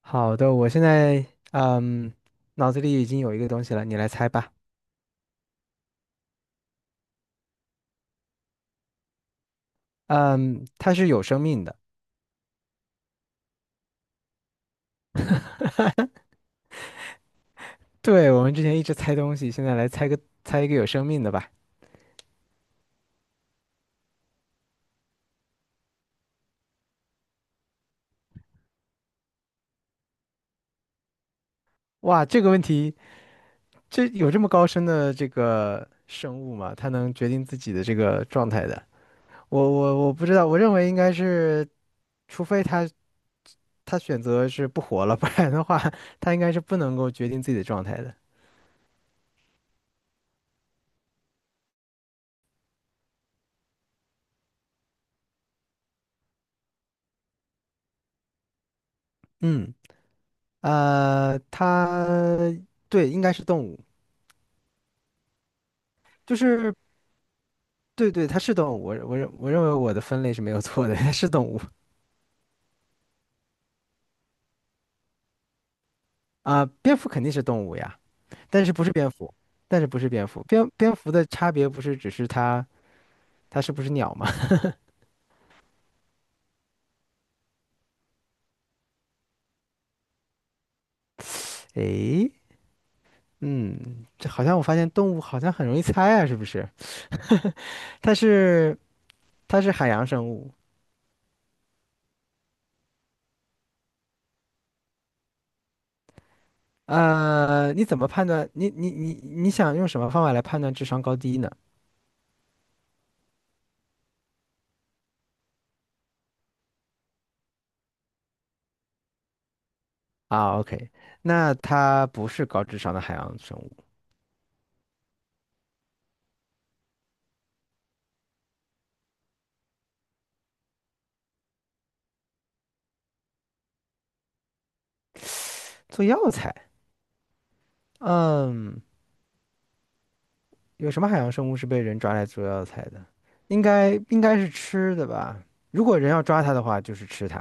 好的，我现在嗯，脑子里已经有一个东西了，你来猜吧。嗯，它是有生命的。对，我们之前一直猜东西，现在来猜个一个有生命的吧。哇，这个问题，这有这么高深的这个生物吗？它能决定自己的这个状态的？我不知道，我认为应该是，除非它选择是不活了，不然的话，它应该是不能够决定自己的状态的。嗯，它对，应该是动物，就是。对对，它是动物，我认为我的分类是没有错的，它是动物啊，蝙蝠肯定是动物呀，但是不是蝙蝠，但是不是蝙蝠，蝙蝠的差别不是只是它它是不是鸟吗？诶，嗯，这好像我发现动物好像很容易猜啊，是不是？它是它是海洋生物，呃，你怎么判断？你想用什么方法来判断智商高低呢？啊，OK，那它不是高智商的海洋生物，做药材，嗯。有什么海洋生物是被人抓来做药材的？应该是吃的吧？如果人要抓它的话，就是吃它。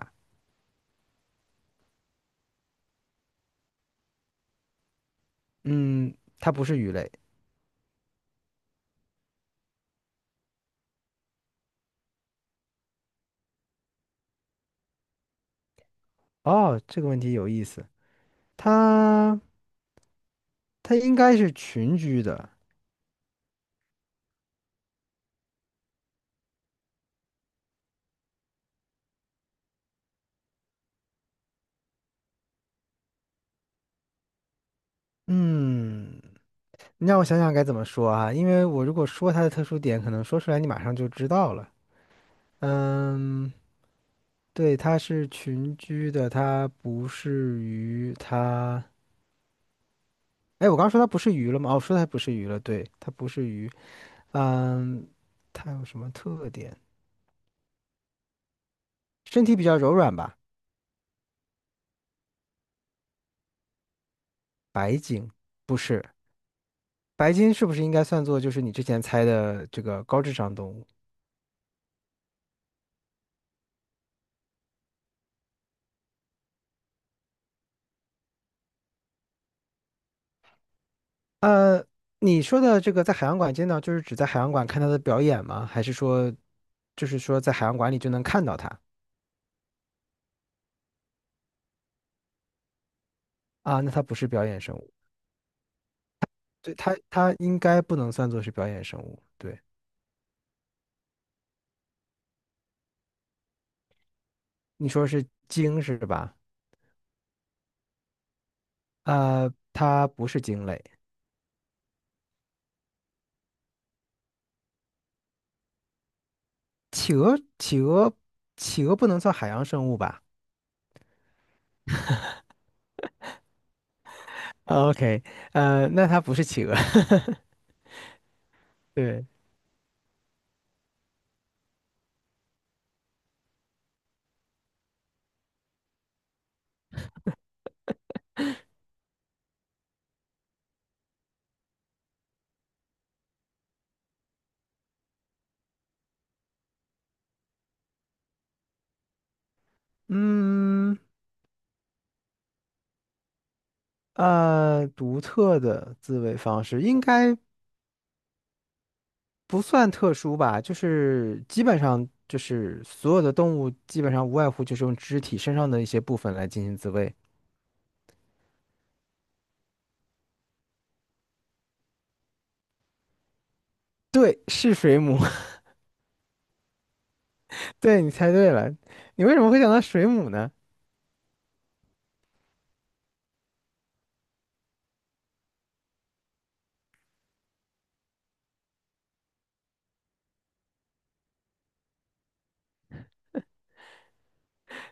嗯，它不是鱼类。哦，这个问题有意思。它它应该是群居的。嗯，你让我想想该怎么说啊？因为我如果说它的特殊点，可能说出来你马上就知道了。嗯，对，它是群居的，它不是鱼，它……哎，我刚刚说它不是鱼了吗？哦，我说它不是鱼了，对，它不是鱼。嗯，它有什么特点？身体比较柔软吧，白鲸不是，白鲸是不是应该算作就是你之前猜的这个高智商动物？呃，你说的这个在海洋馆见到，就是指在海洋馆看它的表演吗？还是说，就是说在海洋馆里就能看到它啊？那它不是表演生物，对，它应该不能算作是表演生物。对，你说是鲸是吧？呃，它不是鲸类，企鹅，企鹅，企鹅不能算海洋生物吧？哦 OK，呃，那它不是企鹅，对，嗯，呃，独特的自卫方式应该不算特殊吧，就是基本上就是所有的动物基本上无外乎就是用肢体身上的一些部分来进行自卫。对，是水母，对，你猜对了，你为什么会想到水母呢？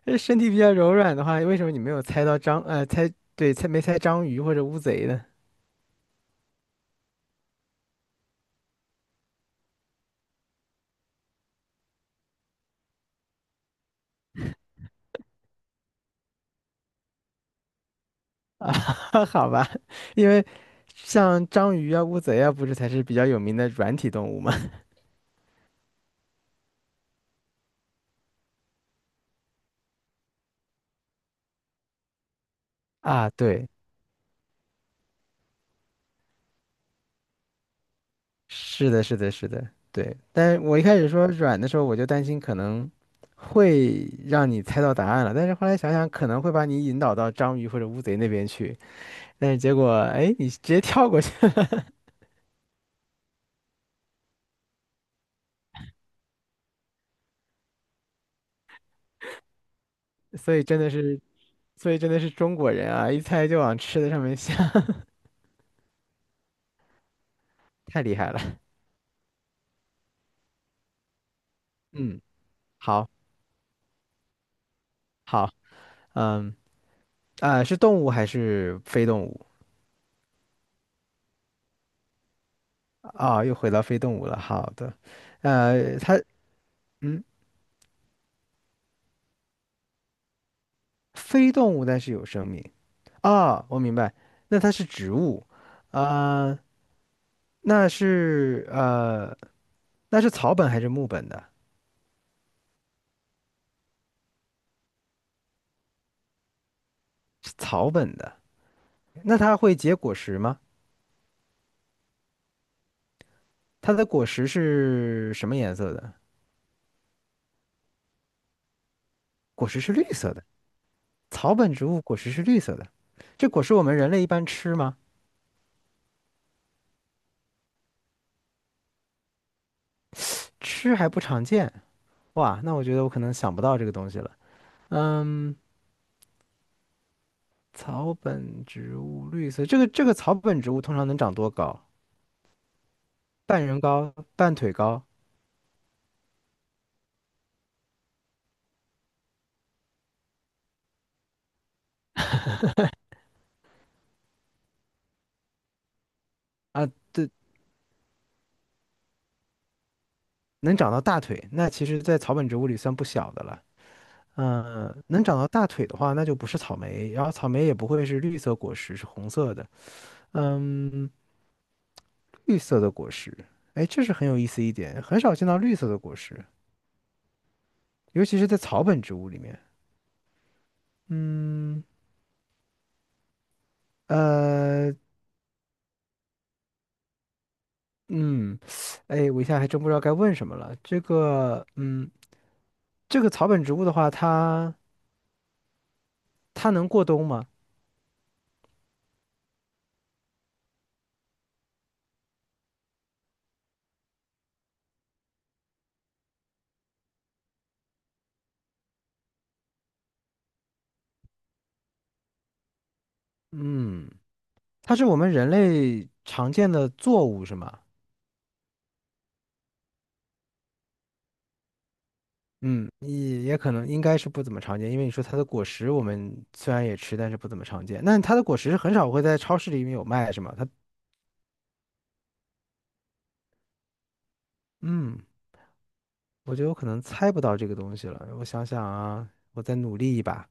呃身体比较柔软的话，为什么你没有猜到章，呃，猜，对，猜没猜章鱼或者乌贼呢？啊，好吧，因为像章鱼啊、乌贼啊，不是才是比较有名的软体动物吗？啊，对，是的，是的，是的，对。但我一开始说软的时候，我就担心可能会让你猜到答案了，但是后来想想，可能会把你引导到章鱼或者乌贼那边去，但是结果，哎，你直接跳过去了，所以真的是，所以真的是中国人啊，一猜就往吃的上面想，太厉害了。嗯，好，好，嗯，啊，是动物还是非动物？啊，啊又回到非动物了。好的，呃，非动物但是有生命。啊，我明白，那它是植物，啊、那是呃，那是草本还是木本的？是草本的。那它会结果实吗？它的果实是什么颜色的？果实是绿色的。草本植物果实是绿色的。这果实我们人类一般吃吗？吃还不常见。哇，那我觉得我可能想不到这个东西了。嗯。草本植物绿色，这个草本植物通常能长多高？半人高、半腿高啊？对，能长到大腿，那其实，在草本植物里算不小的了。嗯、能长到大腿的话，那就不是草莓，然后草莓也不会是绿色果实，是红色的。嗯，绿色的果实，哎，这是很有意思一点，很少见到绿色的果实，尤其是在草本植物里面。嗯，呃，嗯，哎，我一下还真不知道该问什么了。这个，嗯。这个草本植物的话，它能过冬吗？嗯，它是我们人类常见的作物是吗？嗯，也也可能应该是不怎么常见，因为你说它的果实我们虽然也吃，但是不怎么常见。那它的果实是很少会在超市里面有卖是吗？它嗯，我觉得我可能猜不到这个东西了。我想想啊，我再努力一把。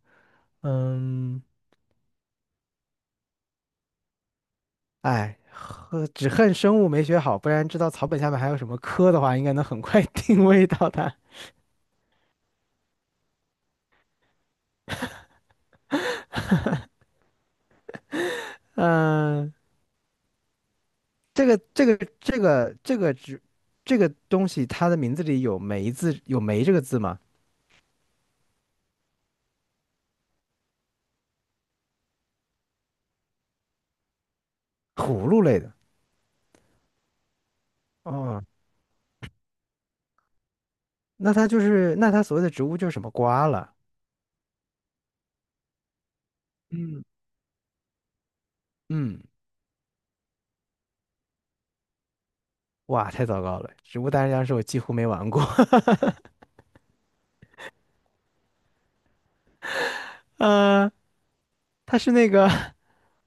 嗯，哎，呵只恨生物没学好，不然知道草本下面还有什么科的话，应该能很快 定位到它。嗯、这个这个这个这个植这个东西，它的名字里有梅字，有梅这个字吗？葫芦类的。哦，那它就是那它所谓的植物就是什么瓜了。嗯，嗯，哇，太糟糕了！植物大战僵尸我几乎没玩过。呃，它是那个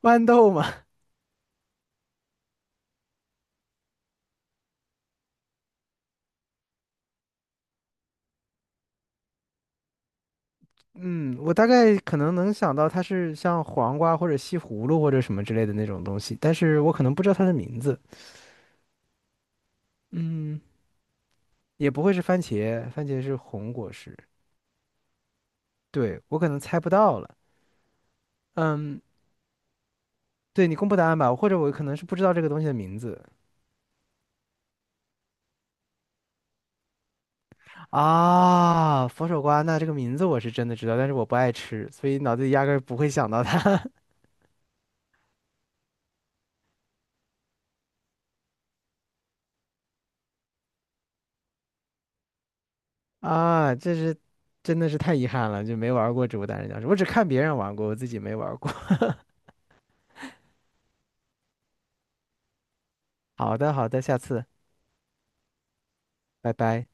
豌豆吗？嗯，我大概可能能想到它是像黄瓜或者西葫芦或者什么之类的那种东西，但是我可能不知道它的名字。嗯，也不会是番茄，番茄是红果实。对，我可能猜不到了。嗯，对你公布答案吧，或者我可能是不知道这个东西的名字啊。佛手瓜，那这个名字我是真的知道，但是我不爱吃，所以脑子里压根儿不会想到它 啊。这是真的是太遗憾了，就没玩过植物大战僵尸，我只看别人玩过，我自己没玩过。好的，好的，下次，拜拜。